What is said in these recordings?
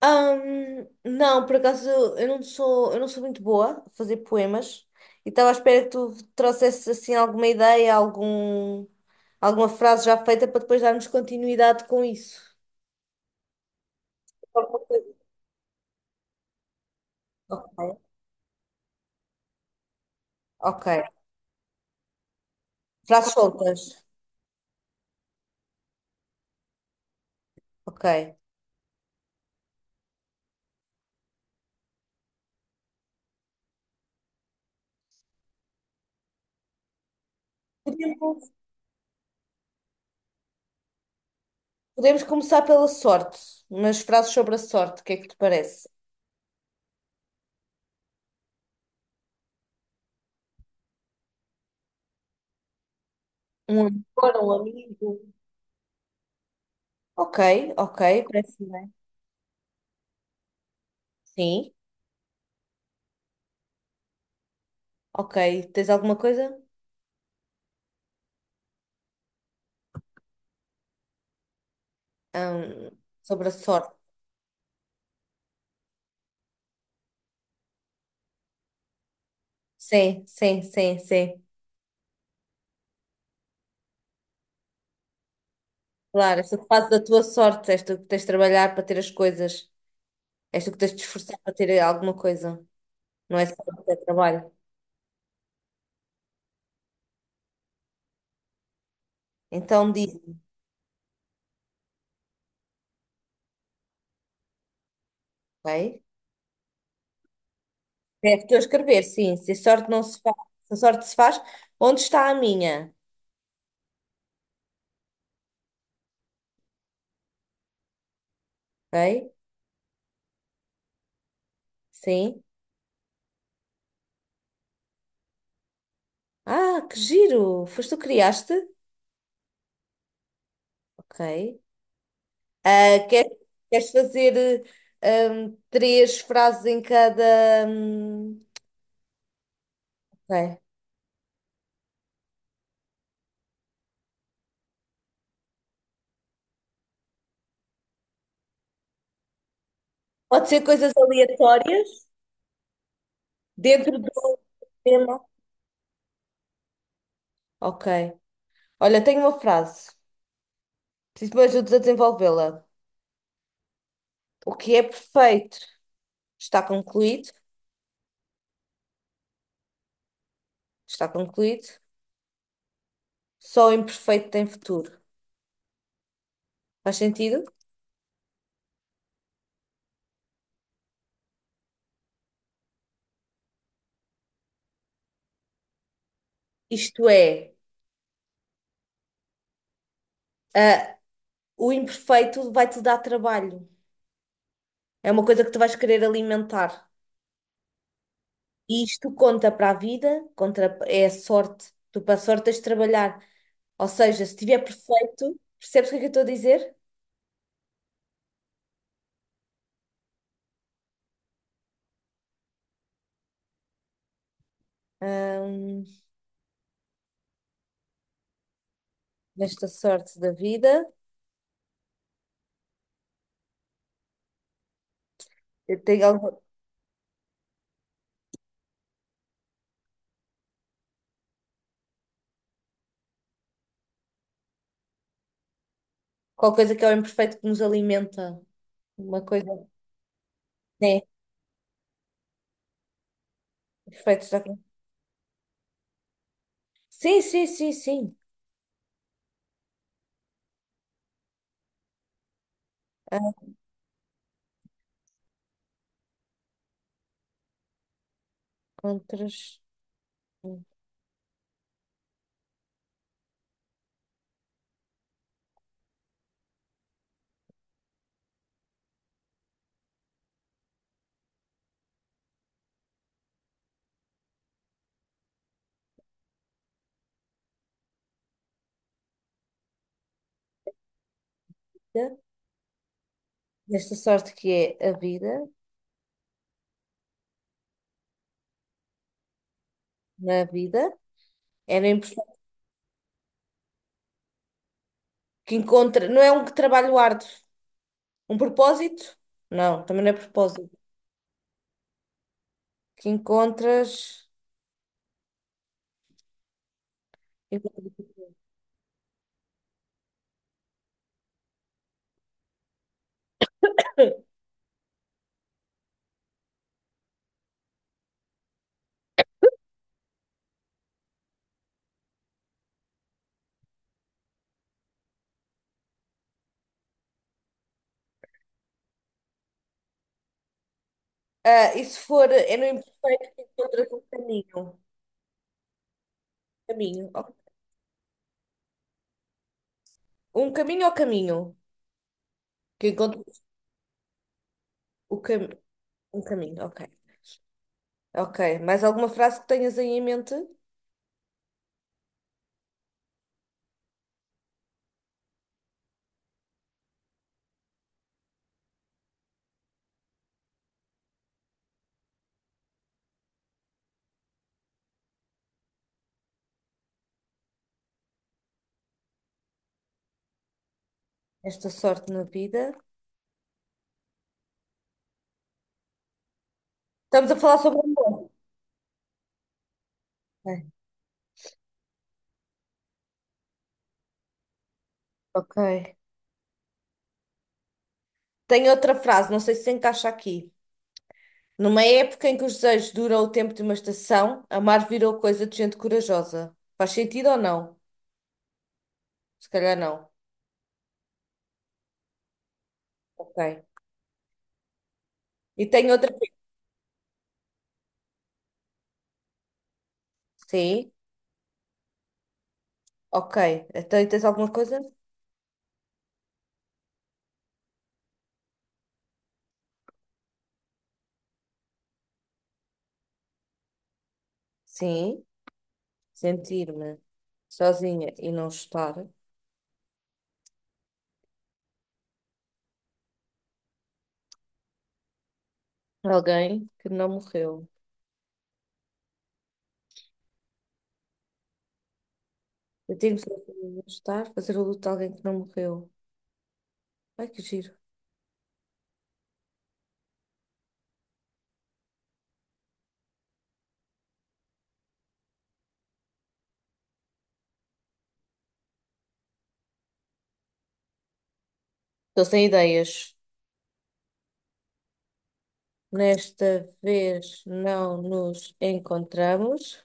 Não, por acaso eu não sou muito boa a fazer poemas e estava à espera que tu trouxesses assim alguma ideia, alguma frase já feita para depois darmos continuidade com isso. Alguma coisa. Ok. Ok. Frases soltas. Ok. Podemos, podemos começar pela sorte, umas frases sobre a sorte, o que é que te parece? Um amor, um amigo. Ok, ok, parece bem. Sim, ok. Tens alguma coisa? Ahm, sobre a sorte? Sim, sim, sim, sim. Claro, és tu que fazes da tua sorte, és tu que tens de trabalhar para ter as coisas, és tu que tens de te esforçar para ter alguma coisa, não é só o teu trabalho. Então diz, ok? É, estou a escrever, sim, se a sorte não se faz, se a sorte se faz, onde está a minha? Ok? Sim. Ah, que giro! Foste tu que criaste? Ok. Ah, quer, queres fazer três frases em cada. hum, ok. Pode ser coisas aleatórias? Dentro do tema. Ok. Olha, tenho uma frase. Preciso que me ajudes a desenvolvê-la. O que é perfeito está concluído. Está concluído. Só o imperfeito tem futuro. Faz sentido? Isto é, ah, o imperfeito vai-te dar trabalho. É uma coisa que tu vais querer alimentar. E isto conta para a vida, contra, é a sorte. Tu para a sorte tens de trabalhar. Ou seja, se estiver perfeito, percebes o que é que eu estou a dizer? Ahm, nesta sorte da vida, eu tenho algum- qualquer coisa que é o imperfeito que nos alimenta. Uma coisa. É, perfeito. Sim, sim, sim, sim. Contras. Desta sorte que é a vida, na vida, é no imperfeito que encontra. Não é um trabalho árduo. Um propósito? Não, também não é propósito. Que encontras. Ah, e se for, é no imperfeito que encontras um caminho. Caminho. Ok. Um caminho ou caminho? Que encontras o cam... um caminho, ok. Ok. Mais alguma frase que tenhas aí em mente? Esta sorte na vida. Estamos a falar sobre amor. Ok. Ok. Tenho outra frase, não sei se encaixa aqui. Numa época em que os desejos duram o tempo de uma estação, amar virou coisa de gente corajosa. Faz sentido ou não? Se calhar não. Ok. E tenho outra. Sim. Ok. Então, tens alguma coisa? Sim. Sentir-me sozinha e não estar, alguém que não morreu. Sentir-me sozinha não estar, fazer o luto de alguém que não morreu. Ai, que giro. Estou sem ideias. Nesta vez não nos encontramos.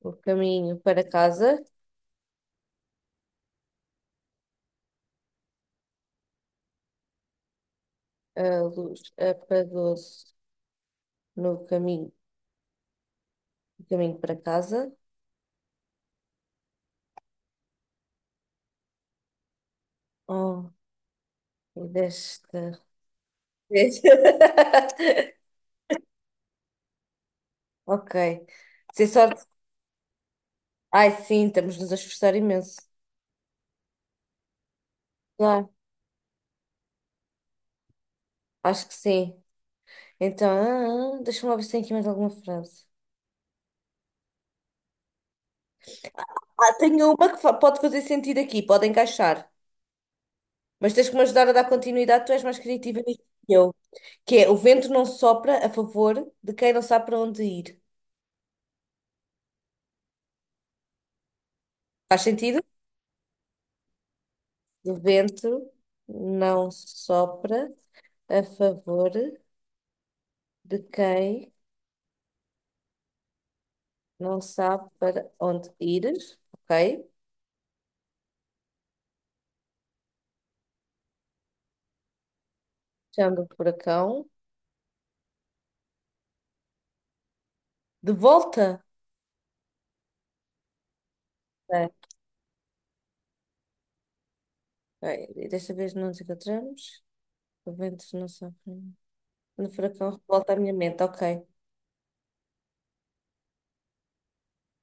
O caminho para casa. A luz apagou-se no caminho, no caminho para casa. Oh, e desta vez. Ok. Sem sorte. Ai, sim, estamos-nos a esforçar imenso. Claro. Acho que sim. Então, deixa-me lá ver se tem aqui mais alguma frase. Ah, tenho uma que pode fazer sentido aqui, pode encaixar. Mas tens que me ajudar a dar continuidade, tu és mais criativa nisto que eu. Que é, o vento não sopra a favor de quem não sabe para onde ir. Faz sentido? O vento não sopra a favor de quem não sabe para onde ir. Ok? Chama o furacão. De volta. Ok, ok. Desta vez não nos encontramos. Juventus não sofrem. No furacão revolta a minha mente. Ok.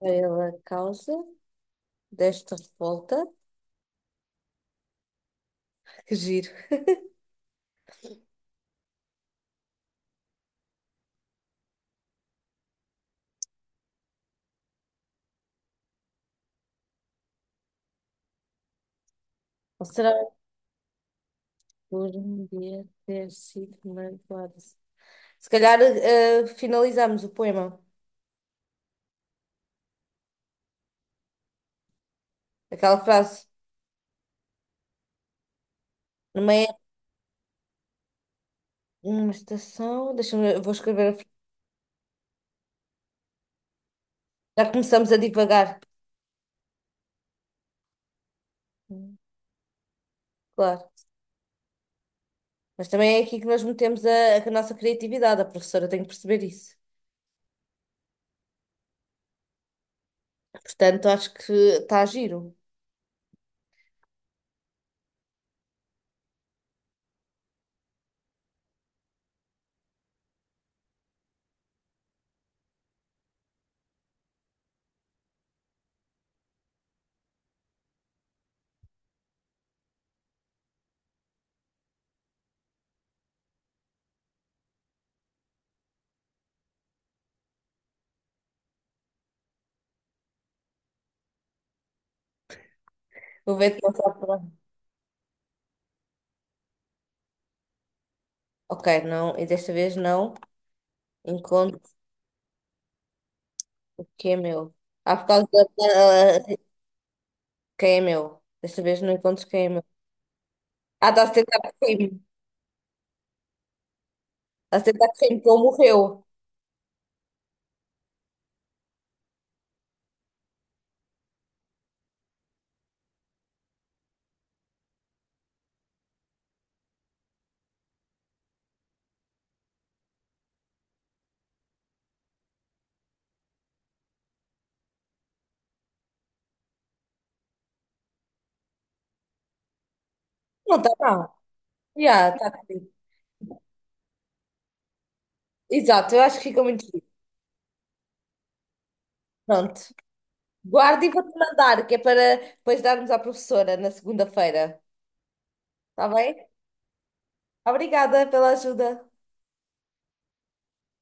Pela causa desta revolta, que giro. Ou será por um dia ter sido manipulado? Se calhar finalizamos o poema. Aquela frase. Numa, é- numa estação. Deixa-me eu vou escrever. Já começamos a divagar. Hum, Claro. Mas também é aqui que nós metemos a nossa criatividade. A professora tem que perceber isso. Portanto, acho que está a giro. Vou ver se não sabe. Ok, não. E desta vez não. Encontro quem é meu. Ah, por causa da... quem é meu? Desta vez não encontro quem é meu. Ah, está a tentar crime. Está a tentar crime que ele morreu. Não está não. Já, está crime. Exato, eu acho que fica muito giro. Pronto. Guarda e vou-te mandar, que é para depois darmos à professora na segunda-feira. Está bem? Obrigada pela ajuda.